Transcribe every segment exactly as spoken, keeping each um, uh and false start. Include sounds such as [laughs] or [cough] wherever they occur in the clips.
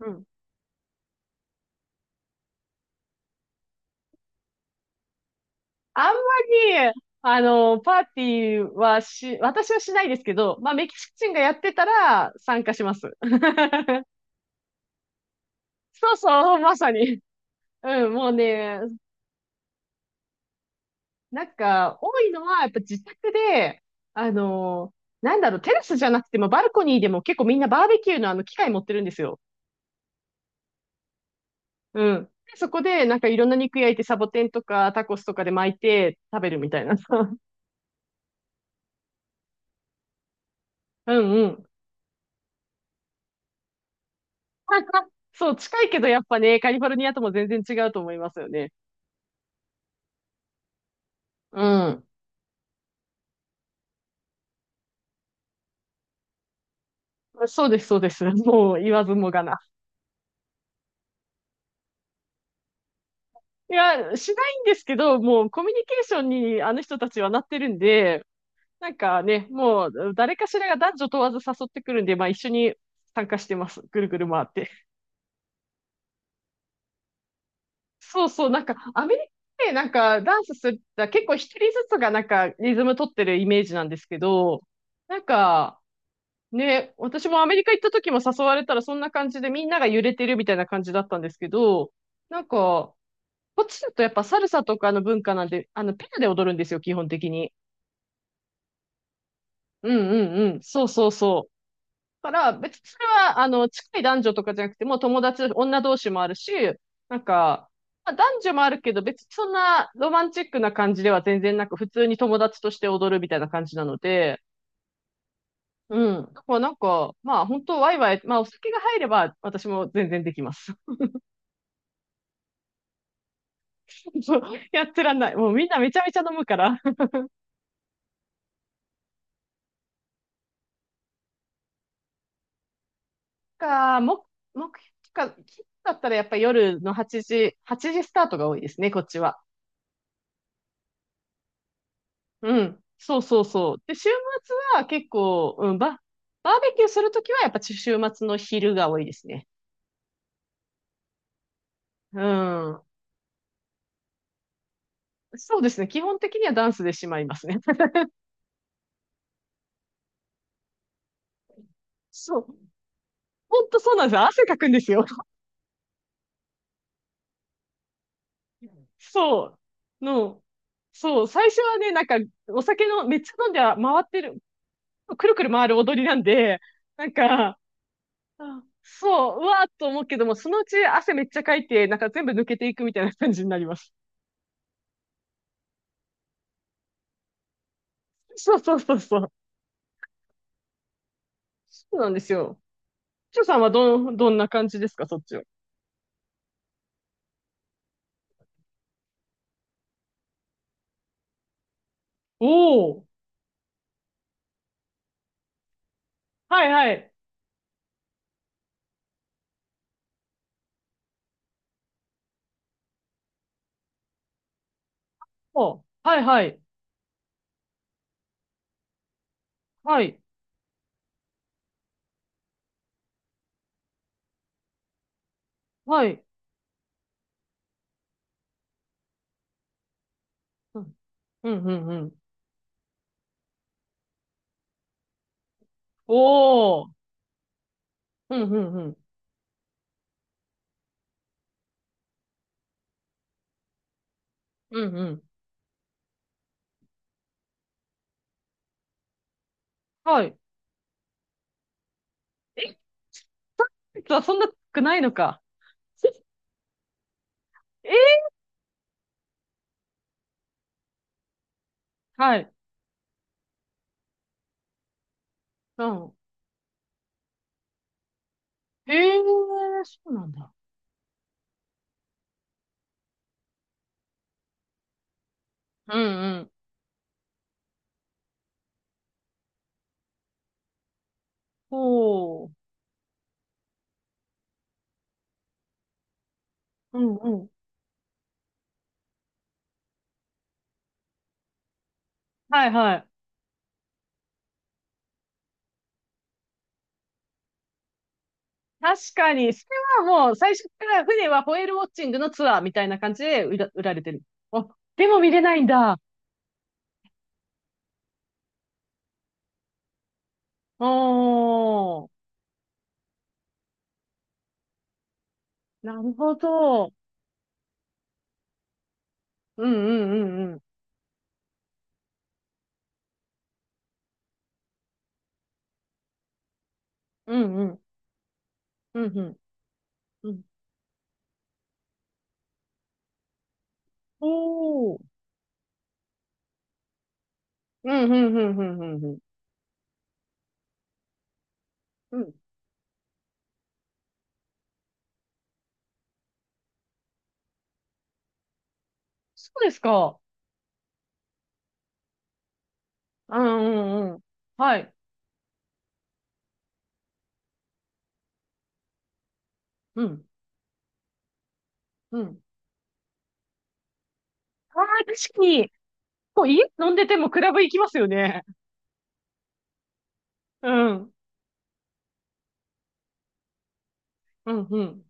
うん。あんまり、あの、パーティーはし、私はしないですけど、まあ、メキシコ人がやってたら参加します。[laughs] そうそう、まさに。うん、もうね、なんか、多いのは、やっぱ自宅で、あの、なんだろう、テラスじゃなくても、バルコニーでも結構みんなバーベキューのあの機械持ってるんですよ。うん。でそこで、なんかいろんな肉焼いて、サボテンとかタコスとかで巻いて食べるみたいな。[laughs] うんうん。[laughs] そう、近いけどやっぱね、カリフォルニアとも全然違うと思いますよね。うん。そうです、そうです。[laughs] もう言わずもがな。いや、しないんですけど、もうコミュニケーションにあの人たちはなってるんで、なんかね、もう誰かしらが男女問わず誘ってくるんで、まあ一緒に参加してます。ぐるぐる回って。そうそう、なんかアメリカでなんかダンスする、結構一人ずつがなんかリズム取ってるイメージなんですけど、なんかね、私もアメリカ行った時も誘われたらそんな感じでみんなが揺れてるみたいな感じだったんですけど、なんか、こっちだとやっぱサルサとかの文化なんで、あの、ペアで踊るんですよ、基本的に。うんうんうん。そうそうそう。だから別にそれは、あの、近い男女とかじゃなくてもう友達、女同士もあるし、なんか、まあ、男女もあるけど別にそんなロマンチックな感じでは全然なく、普通に友達として踊るみたいな感じなので、うん。だからなんか、まあ本当ワイワイ、まあお酒が入れば私も全然できます。[laughs] そうやってらんない。もうみんなめちゃめちゃ飲むから。か、も、目標か、だったらやっぱり夜のはちじ、はちじスタートが多いですね、こっちは。うん。そうそうそう。で、週末は結構、うん、バ、バーベキューするときはやっぱ週末の昼が多いですね。うん。そうですね。基本的にはダンスでしまいますね。[laughs] そう。[laughs] ほんとそうなんですよ。汗かくんですよ。そう、の、そう、最初はね、なんか、お酒の、めっちゃ飲んで回ってる、くるくる回る踊りなんで、なんか、あそう、うわーっと思うけども、そのうち汗めっちゃかいて、なんか全部抜けていくみたいな感じになります。そうそうそうそう。そうなんですよ。ちょさんはどん、どんな感じですか、そっちは。おお、はいはい。お、はいはい。はい、はい。うん、うん、うん。うんおお、うん、うん、うん。うん、うん。はい。え、[laughs] そそんなくないのか。えはい。うん。ええそうなんだ。うんうん。ほう。うんうん。はいはい。確かに、それはもう最初から船はホエールウォッチングのツアーみたいな感じで売ら、売られてる。あ、でも見れないんだ。おー。なるほど。うんうんうんうん。うんうん。うんうん。うん。おー。うんうんうんうんうんうん。うん。そうですか。うんうんうん。はい。うん。うん。ああ、確かに。こう、家飲んでてもクラブ行きますよね。うん。うん、うん。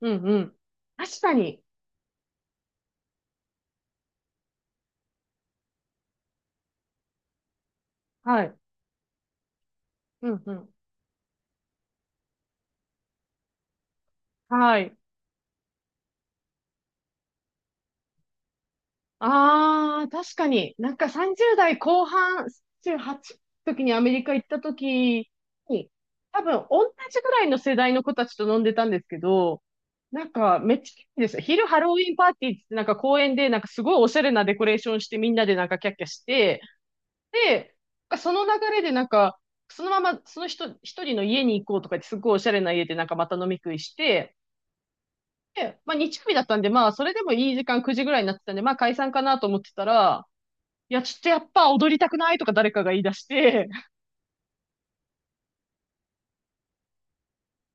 うん、うん。確かに。はい。うん、うん。はい。ああ、確かに。なんかさんじゅう代後半、じゅうはちの時にアメリカ行った時に、多分同じぐらいの世代の子たちと飲んでたんですけど、なんかめっちゃいいんですよ。昼ハロウィンパーティーってなんか公園でなんかすごいおしゃれなデコレーションしてみんなでなんかキャッキャして、で、その流れでなんか、そのままその人、一人の家に行こうとかってすごいおしゃれな家でなんかまた飲み食いして、で、まあ日曜日だったんで、まあそれでもいい時間くじぐらいになってたんで、まあ解散かなと思ってたら、いや、ちょっとやっぱ踊りたくないとか誰かが言い出して、[laughs]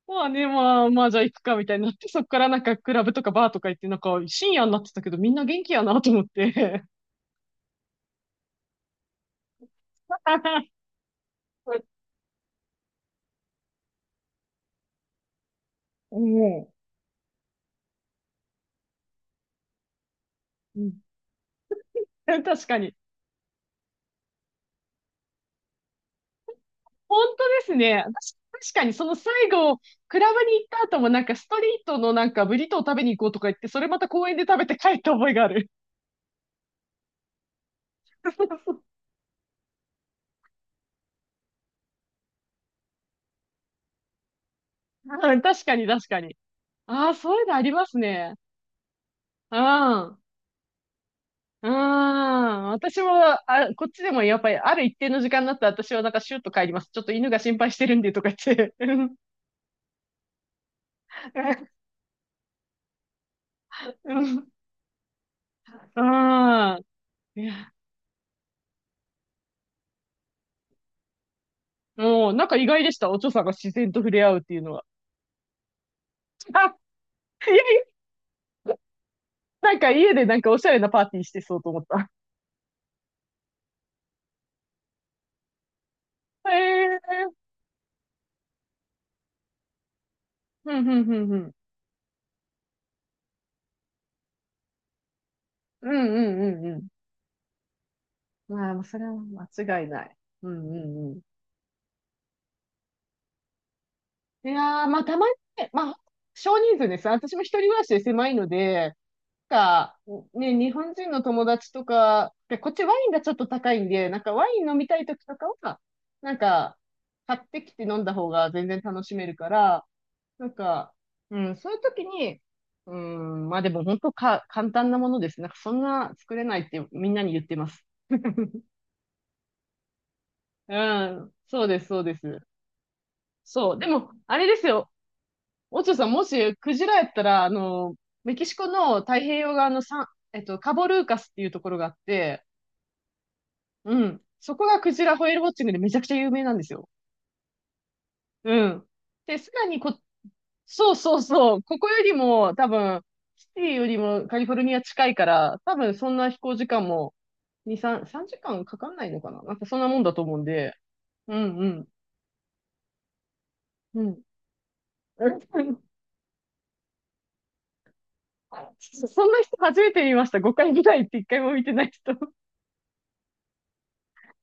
まあね、まあ、まあじゃあ行くかみたいになって、そっからなんかクラブとかバーとか行って、なんか深夜になってたけどみんな元気やなと思って。[laughs] もうん。うん [laughs] 確かに。本当ですね。私確かにその最後、クラブに行った後もなんかストリートのなんかブリトーを食べに行こうとか言って、それまた公園で食べて帰った覚えがある。[laughs] うん確かに確かに。ああ、そういうのありますね。うん。うん。私も、あ、こっちでもやっぱりある一定の時間になったら私はなんかシュッと帰ります。ちょっと犬が心配してるんでとか言って。うん。うん。うんいやもうなんか意外でした。お嬢さんが自然と触れ合うっていうのは。[laughs] あ、いやいやなんか家でなんかおしゃれなパーティーしてそうと思った。[laughs] へえ。うん、うん、うん、うん。うん、うん、うん、うん。まあ、それは間違いない。うん、うん、うん。いやー、まあ、たまにね、まあ、少人数です。私も一人暮らしで狭いので、なんか、ね、日本人の友達とか、で、こっちワインがちょっと高いんで、なんかワイン飲みたい時とかは、なんか、買ってきて飲んだ方が全然楽しめるから、なんか、うん、そういう時に、うん、まあでも本当か、簡単なものですね。なんかそんな作れないってみんなに言ってます。[laughs] うん、そうです、そうです。そう。でも、あれですよ。オチョさん、もしクジラやったら、あの、メキシコの太平洋側のサン、えっと、カボルーカスっていうところがあって、うん。そこがクジラホエールウォッチングでめちゃくちゃ有名なんですよ。うん。で、さらにこそうそうそう。ここよりも多分、シティよりもカリフォルニア近いから、多分そんな飛行時間もに、さん、さんじかんかんかかんないのかななんかそんなもんだと思うんで。うんうん。うん。[laughs] そんな人初めて見ました。ごかいぐらいっていっかいも見てない人。[laughs] い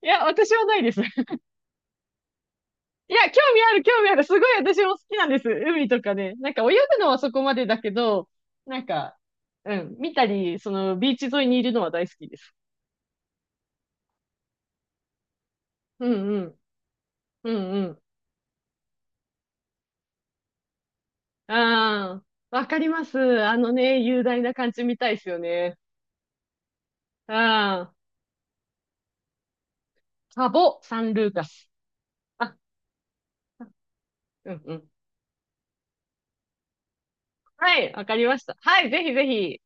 や、私はないです。いや、興味ある、興味ある。すごい私も好きなんです。海とかね。なんか泳ぐのはそこまでだけど、なんか、うん、見たり、そのビーチ沿いにいるのは大好きです。うんうん。うんうん。うん。わかります。あのね、雄大な感じみたいですよね。うん。サボ・サンルーカス。あ、うんうん。はい、わかりました。はい、ぜひぜひ。